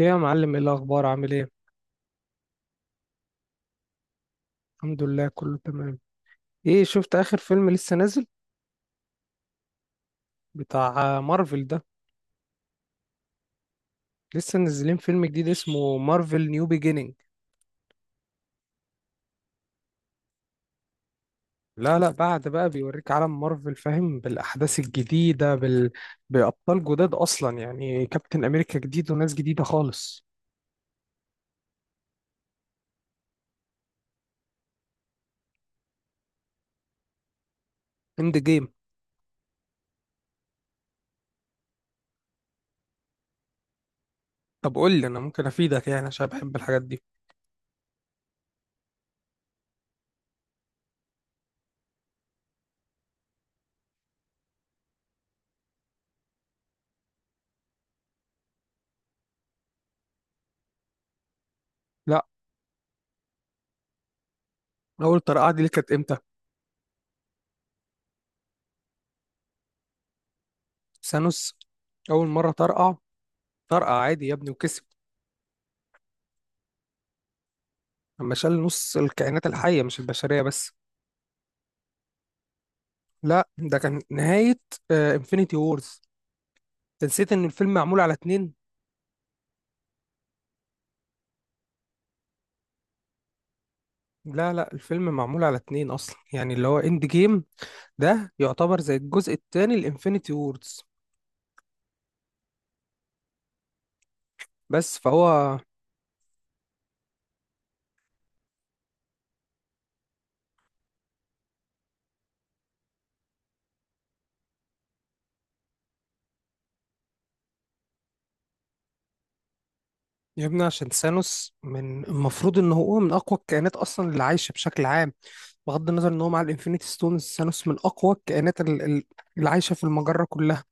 ايه يا معلم، ايه الاخبار؟ عامل ايه؟ الحمد لله، كله تمام. ايه، شفت اخر فيلم لسه نازل؟ بتاع مارفل ده. لسه نازلين فيلم جديد اسمه مارفل نيو بيجينينج. لا، بعد بقى بيوريك عالم مارفل، فاهم؟ بالاحداث الجديده بابطال جداد اصلا. يعني كابتن امريكا جديد وناس جديده خالص. اند جيم. طب قول لي، انا ممكن افيدك يعني عشان بحب الحاجات دي. لا، اول طرقعه دي ليه؟ كانت امتى؟ ثانوس اول مره طرقع، طرقع عادي يا ابني وكسب. اما شال نص الكائنات الحيه، مش البشريه بس. لا، ده كان نهاية انفينيتي وورز. انت نسيت ان الفيلم معمول على اتنين. لا، الفيلم معمول على اتنين اصلا، يعني اللي هو اند جيم ده يعتبر زي الجزء التاني لانفينيتي وورز. بس فهو. يا ابني، عشان ثانوس من المفروض ان هو من اقوى الكائنات اصلا اللي عايشة بشكل عام. بغض النظر ان هو مع الانفينيتي ستونز، ثانوس من اقوى الكائنات اللي عايشة في المجرة كلها.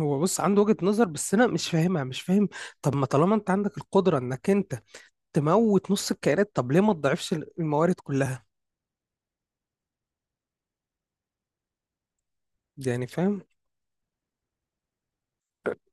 هو بص، عنده وجهة نظر بس انا مش فاهمها، مش فاهم. طب ما طالما انت عندك القدرة انك انت تموت نص الكائنات، طب ليه ما تضعفش الموارد كلها؟ يعني فاهم؟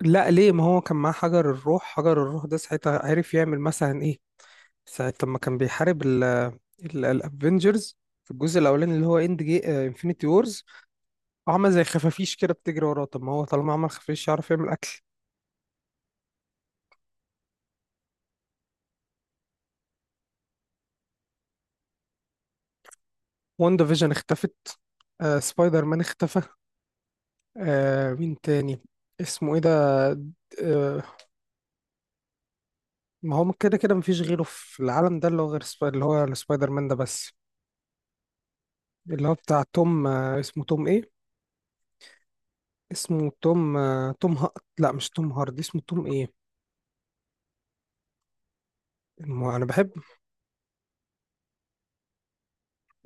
لا ليه؟ ما هو كان معاه حجر الروح. حجر الروح ده ساعتها عرف يعمل مثلا ايه؟ ساعة لما كان بيحارب الافنجرز في الجزء الاولاني، اللي هو اند جي انفينيتي وورز، عمل زي خفافيش كده بتجري وراه. طب ما هو طالما عمل خفافيش، يعرف يعمل اكل. واندا فيجن اختفت، آه سبايدر مان اختفى، آه مين تاني؟ اسمه ايه ده؟ آه، ما هو كده كده مفيش غيره في العالم ده، اللي هو غير اللي هو سبايدر مان ده بس. اللي هو بتاع توم، اسمه توم ايه؟ اسمه توم، لا، مش توم هاردي، اسمه توم ايه؟ انا بحب.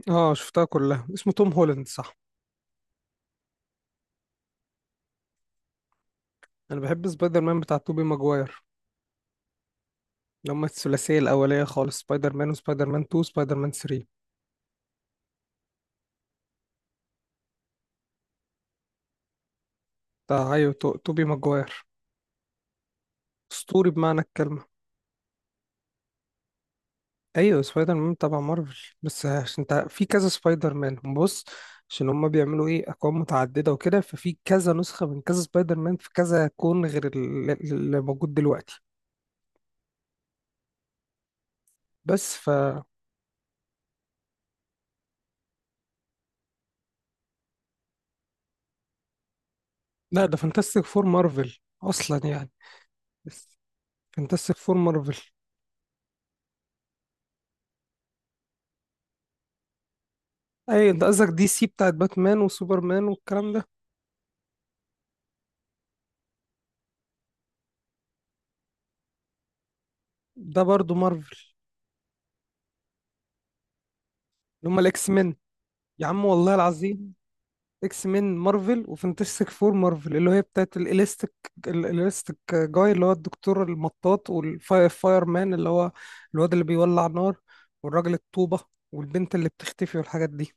اه شفتها كلها، اسمه توم هولاند صح. انا بحب سبايدر مان بتاع توبي ماجواير، اللي هم الثلاثيه الاوليه خالص: سبايدر مان، وسبايدر مان 2، سبايدر مان 3. بتاع ايوه، توبي ماجواير. اسطوري بمعنى الكلمه. ايوه سبايدر مان تبع مارفل، بس عشان انت في كذا سبايدر مان، بص، عشان هما بيعملوا ايه، اكوان متعدده وكده، ففي كذا نسخه من كذا سبايدر مان في كذا كون غير اللي موجود دلوقتي. بس ف. لا، ده فانتاستيك فور مارفل اصلا يعني. بس فانتاستيك فور مارفل. اي ده قصدك دي سي بتاعت باتمان وسوبرمان والكلام ده. ده برضو مارفل. اللي هم الاكس مين. يا عم والله العظيم، اكس مين مارفل، وفانتاستيك فور مارفل اللي هي بتاعت الاليستيك. الاليستيك جاي اللي هو الدكتور المطاط، والفاير مان اللي هو الواد اللي بيولع نار، والراجل الطوبة، والبنت اللي بتختفي، والحاجات دي.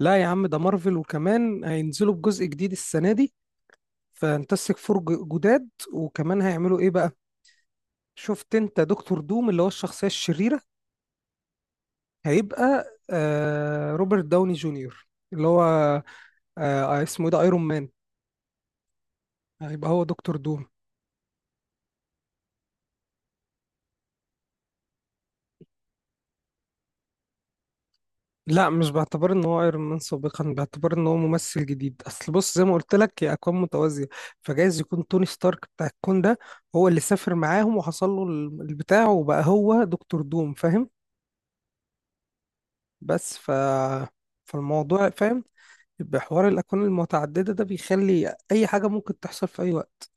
لا يا عم، ده مارفل، وكمان هينزلوا بجزء جديد السنة دي، فانتسك فور جداد، وكمان هيعملوا ايه بقى. شفت انت دكتور دوم اللي هو الشخصية الشريرة؟ هيبقى روبرت داوني جونيور، اللي هو اسمه ايه ده، ايرون مان، هيبقى هو دكتور دوم. لا، مش باعتبار ان هو ايرون مان سابقا، باعتبار ان هو ممثل جديد. اصل بص زي ما قلت لك، هي اكوان متوازية، فجايز يكون توني ستارك بتاع الكون ده هو اللي سافر معاهم وحصل له البتاع، وبقى هو دكتور دوم، فاهم. بس ف، فالموضوع فاهم. يبقى حوار الأكوان المتعددة ده بيخلي أي حاجة ممكن تحصل في أي وقت.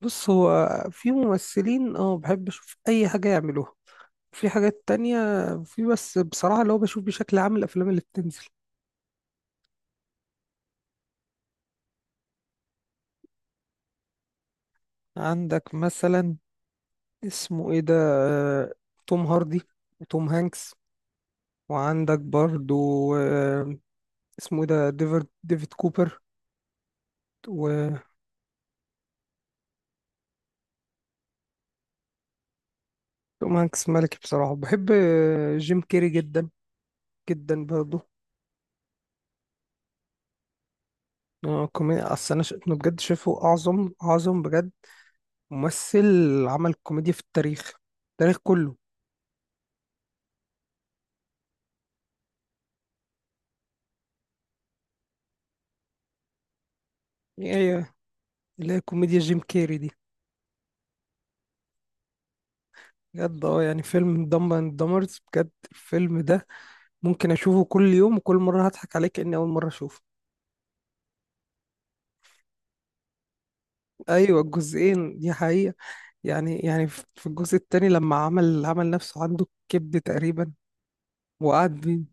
بص، هو في ممثلين اه بحب أشوف أي حاجة يعملوها، في حاجات تانية، في بس بصراحة اللي هو بشوف بشكل عام الأفلام اللي بتنزل. عندك مثلا، اسمه إيه ده، آه، توم هاردي، وتوم هانكس، وعندك برضو، آه، اسمه إيه ده، ديفيد، ديفيد كوبر. وتوم هانكس ملكي بصراحة. بحب جيم كيري جدا جدا برضو. اه كوميديا، اصل انا إنه بجد شايفه اعظم، اعظم بجد ممثل عمل كوميديا في التاريخ، التاريخ كله. هي اللي هي كوميديا جيم كيري دي. بجد اه، يعني فيلم دمب اند دمرز، بجد الفيلم ده ممكن اشوفه كل يوم، وكل مره هضحك عليه كاني اول مره اشوفه. ايوه الجزئين دي حقيقه. يعني في الجزء التاني لما عمل، عمل نفسه عنده كبد تقريبا، وقعد بي،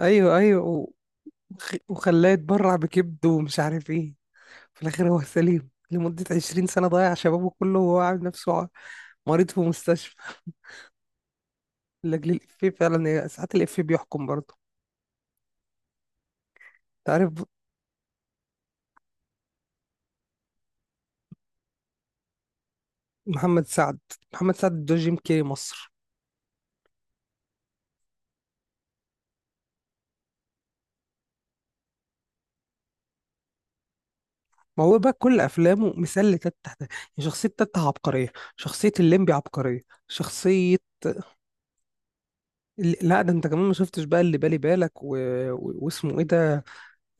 ايوه ايوه، وخلاه يتبرع بكبده ومش عارف ايه. في الاخر هو سليم لمدة 20 سنة، ضيع شبابه كله وهو عامل نفسه مريض في مستشفى. لأجل الإفيه، فعلا هي ساعات الإفيه بيحكم برضه، تعرف. محمد سعد. محمد سعد ده جيم كيري مصر. ما هو بقى كل أفلامه مثال لتتة ده. يعني شخصية تتة عبقرية، شخصية الليمبي عبقرية، شخصية لا ده انت كمان ما شفتش بقى اللي بالي بالك واسمه ايه ده،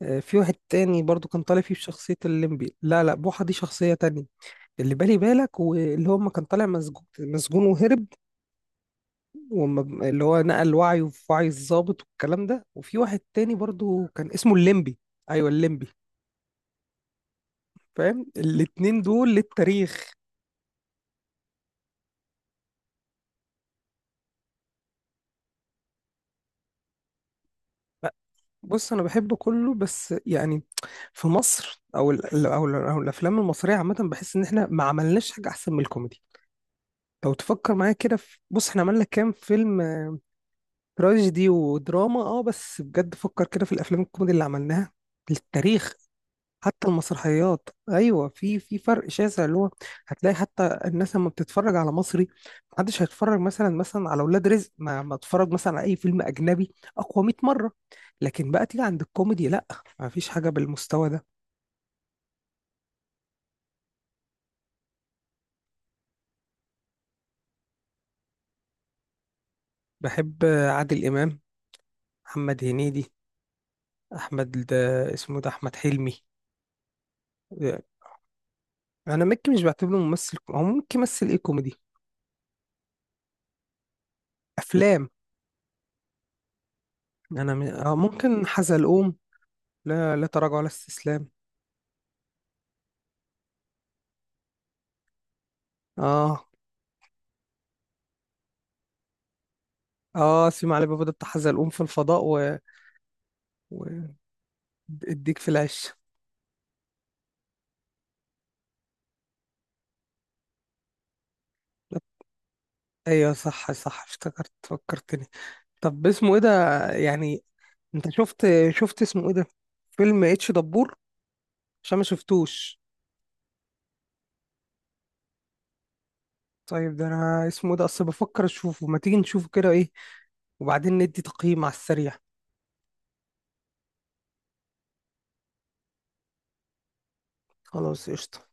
في واحد تاني برضو كان طالع فيه بشخصية الليمبي، لا، بوحة دي شخصية تانية. اللي بالي بالك واللي هو ما كان طالع، مسجون وهرب، اللي هو نقل وعيه في وعي الضابط والكلام ده، وفي واحد تاني برضو كان اسمه الليمبي. ايوه الليمبي، فاهم. الاتنين دول للتاريخ. لا، بص انا بحب كله بس يعني في مصر، او ال او, ال أو الافلام المصريه عامه، بحس ان احنا ما عملناش حاجه احسن من الكوميدي. لو تفكر معايا كده في، بص احنا عملنا كام فيلم تراجيدي ودراما؟ اه بس بجد فكر كده في الافلام الكوميدي اللي عملناها للتاريخ. حتى المسرحيات، ايوه في في فرق شاسع، اللي هو هتلاقي حتى الناس لما بتتفرج على مصري، محدش هيتفرج مثلا على ولاد رزق ما اتفرج مثلا على اي فيلم اجنبي اقوى 100 مره. لكن بقى تيجي عند الكوميدي، لا، ما فيش حاجه بالمستوى ده. بحب عادل امام، محمد هنيدي، احمد ده، اسمه ده، احمد حلمي. انا مكي مش بعتبره ممثل، هو ممكن يمثل ايه كوميدي، افلام. انا ممكن حزلقوم، لا، تراجع ولا استسلام. اه. اه سيما علي بابا ده بتاع حزلقوم في الفضاء واديك في العش. ايوه صح صح، افتكرت، فكرتني. طب اسمه ايه ده؟ يعني انت شفت، شفت اسمه ايه ده، فيلم اتش دبور؟ عشان ما شفتوش. طيب ده انا اسمه إيه ده، اصل بفكر اشوفه. ما تيجي نشوفه كده، ايه، وبعدين ندي تقييم على السريع؟ خلاص قشطة.